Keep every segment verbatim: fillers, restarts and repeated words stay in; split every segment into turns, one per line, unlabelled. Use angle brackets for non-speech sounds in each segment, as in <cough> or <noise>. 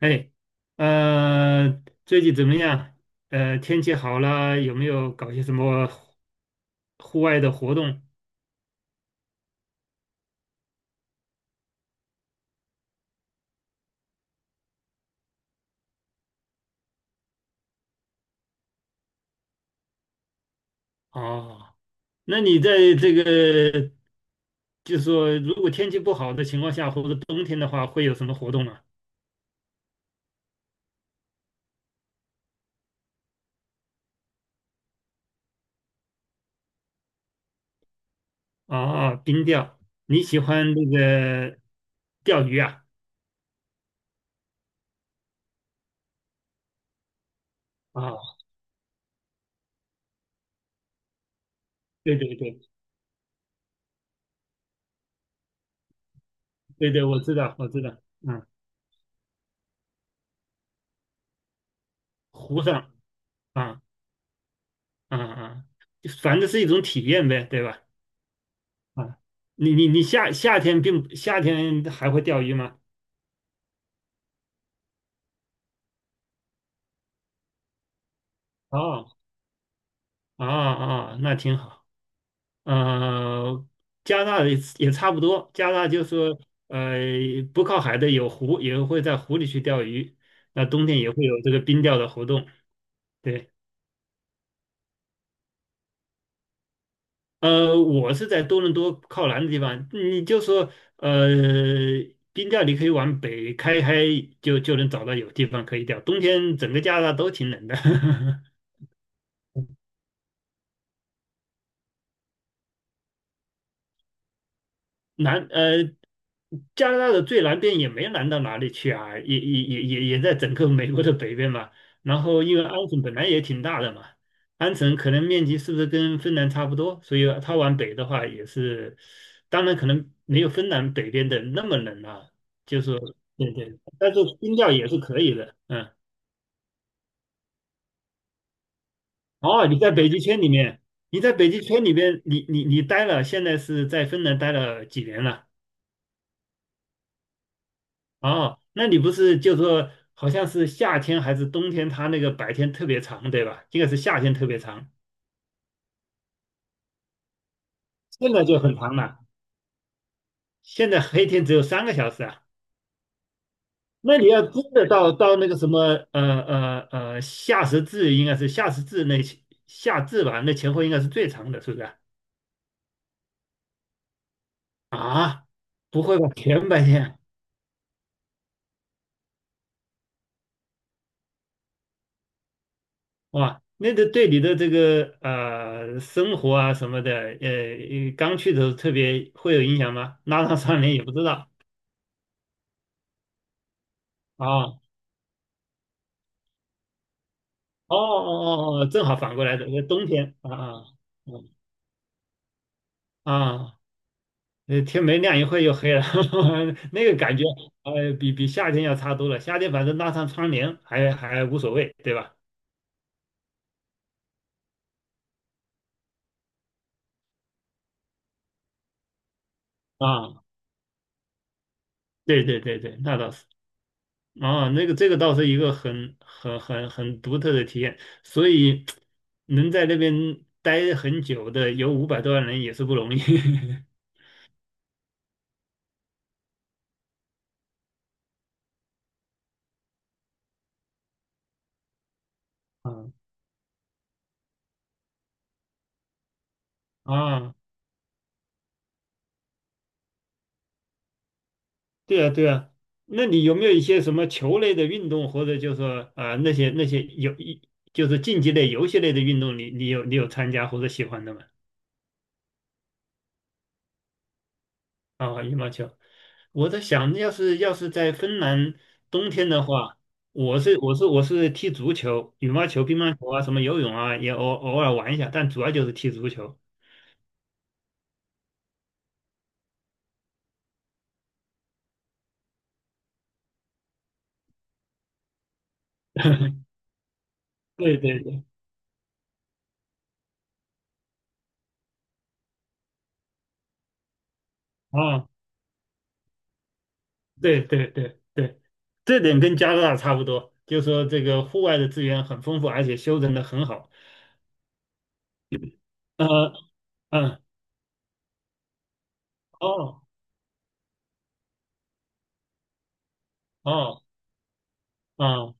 哎，呃，最近怎么样？呃，天气好了，有没有搞些什么户户外的活动？哦，那你在这个，就是说，如果天气不好的情况下，或者冬天的话，会有什么活动啊？哦，哦冰钓，你喜欢那个钓鱼啊？啊、对对对对对，我知道，我知道，嗯，湖上啊啊啊，就反正是一种体验呗，对吧？啊，你你你夏夏天并夏天还会钓鱼吗？哦啊啊，那挺好。呃，加拿大也也差不多，加拿大就是说呃不靠海的有湖，也会在湖里去钓鱼。那冬天也会有这个冰钓的活动。对，呃，我是在多伦多靠南的地方，你就说呃冰钓你可以往北开开就就能找到有地方可以钓，冬天整个加拿大都挺冷的。<laughs> 南呃，加拿大的最南边也没南到哪里去啊，也也也也也在整个美国的北边嘛。然后因为安省本来也挺大的嘛，安省可能面积是不是跟芬兰差不多？所以它往北的话也是，当然可能没有芬兰北边的那么冷啊，就是说对对，但是冰钓也是可以的，嗯。哦，你在北极圈里面，你在北极圈里边？你你你待了，现在是在芬兰待了几年了？哦，那你不是就说好像是夏天还是冬天，它那个白天特别长，对吧？应该是夏天特别长，现在就很长了。现在黑天只有三个小时啊。那你要真的到到那个什么呃呃呃夏时至，应该是夏时至那前夏至吧？那前后应该是最长的，是不是啊？啊，不会吧？全白天哇？那个对你的这个呃生活啊什么的，呃，刚去的时候特别会有影响吗？拉上窗帘也不知道啊。哦哦哦哦，正好反过来的，冬天啊啊啊，啊呃，天没亮一会儿又黑了，<laughs> 那个感觉，呃，比比夏天要差多了。夏天反正拉上窗帘还还无所谓，对吧？啊，对对对对，那倒是。啊，那个这个倒是一个很很很很独特的体验，所以能在那边待很久的有五百多万人也是不容易。<laughs> 啊啊对啊，对啊，那你有没有一些什么球类的运动，或者就是说啊那些那些有一就是竞技类、游戏类的运动你，你有你有参加或者喜欢的吗？啊、羽毛球，我在想，要是要是在芬兰冬天的话，我是我是我是踢足球、羽毛球、乒乓球啊，什么游泳啊，也偶偶尔玩一下，但主要就是踢足球。对对对，啊，对对对对，这点跟加拿大差不多，就是说这个户外的资源很丰富，而且修整的很好。呃嗯，哦，哦，哦，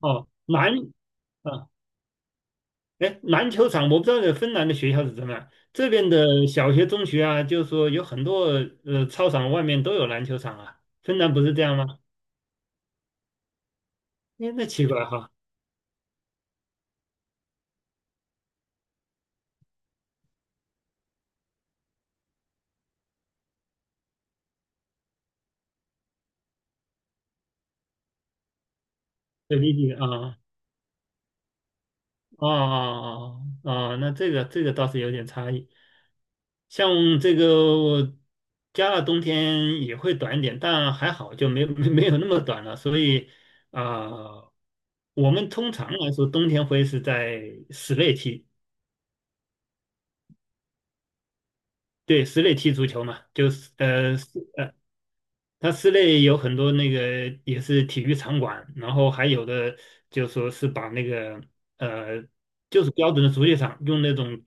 哦，篮，啊，哎，篮球场，我不知道芬兰的学校是怎么样，这边的小学、中学啊，就是说有很多呃操场外面都有篮球场啊，芬兰不是这样吗？哎，那奇怪哈，对，理解啊，哦哦哦哦，那这个这个倒是有点差异，像这个我加拿大冬天也会短一点，但还好就没没没有那么短了，所以啊。我们通常来说，冬天会是在室内踢，对，室内踢足球嘛，就是呃，室它室内有很多那个也是体育场馆，然后还有的就说是把那个呃，就是标准的足球场，用那种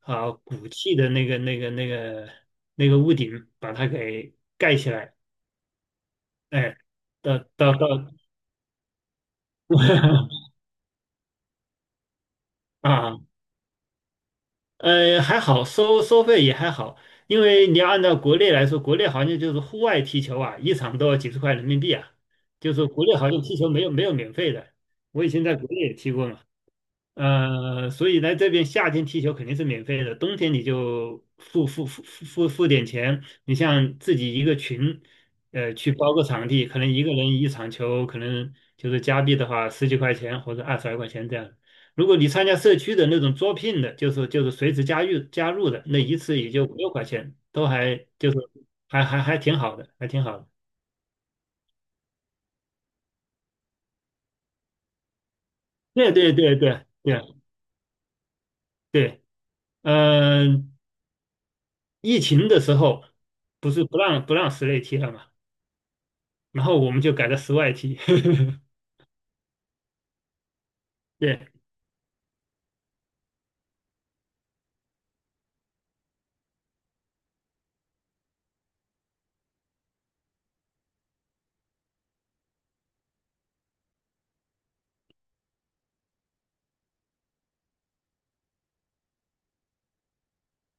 啊、鼓气的那个那个那个那个屋顶把它给盖起来，哎，到到到 <laughs> 啊。呃，还好，收收费也还好，因为你要按照国内来说，国内好像就是户外踢球啊，一场都要几十块人民币啊，就是国内好像踢球没有没有免费的。我以前在国内也踢过嘛。呃，所以来这边夏天踢球肯定是免费的，冬天你就付付付付付付点钱。你像自己一个群，呃，去包个场地，可能一个人一场球，可能就是加币的话十几块钱或者二十来块钱这样。如果你参加社区的那种招聘的，就是就是随时加入加入的，那一次也就五六块钱，都还就是还还还挺好的，还挺好的。对对对对对对，嗯、疫情的时候不是不让不让室内踢了嘛，然后我们就改到室外踢。<laughs> 对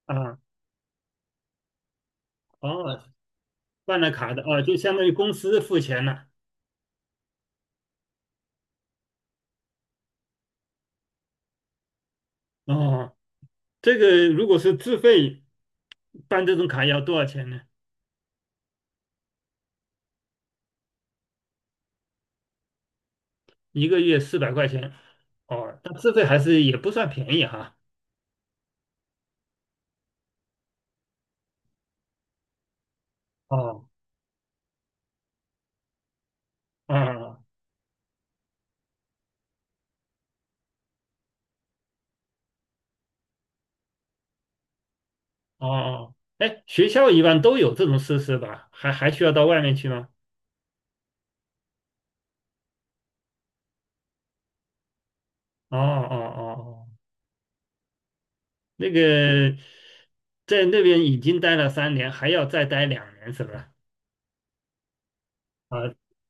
啊，哦，办了卡的啊，就相当于公司付钱了。哦，这个如果是自费办这种卡要多少钱呢？一个月四百块钱。哦，但自费还是也不算便宜哈。哦，哦，哦，哎，学校一般都有这种设施吧？还还需要到外面去吗？哦哦哦哦。那个在那边已经待了三年，还要再待两年，是不是？啊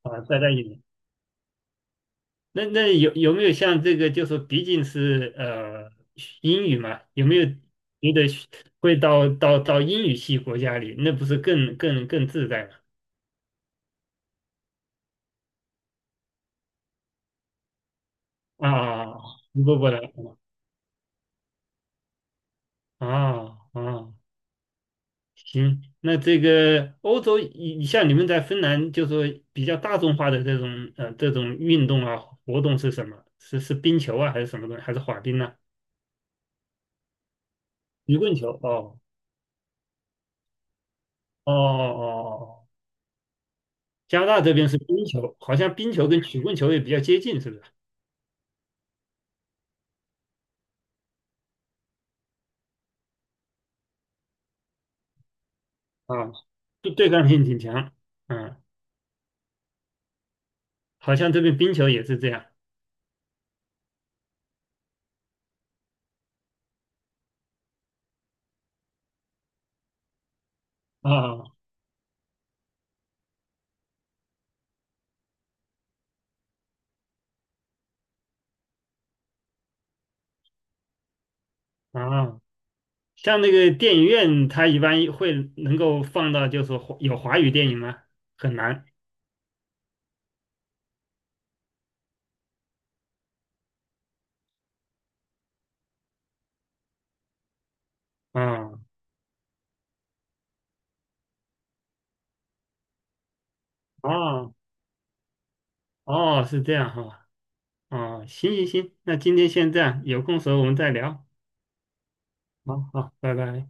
啊，再待一年。那那有有没有像这个，就是毕竟是呃英语嘛，有没有觉得会到到到英语系国家里，那不是更更更自在吗？啊，不不不了啊啊！行，那这个欧洲，你像你们在芬兰，就说比较大众化的这种呃这种运动啊活动是什么？是是冰球啊，还是什么东西？还是滑冰呢、曲棍球？哦哦哦哦哦，加拿大这边是冰球，好像冰球跟曲棍球也比较接近，是不是？啊，对，对抗性挺强，嗯，好像这边冰球也是这样。啊啊，像那个电影院，它一般会能够放到就是华有华语电影吗？很难。啊啊哦，是这样哈，哦，行行行，那今天先这样，有空时候我们再聊，好好，拜拜。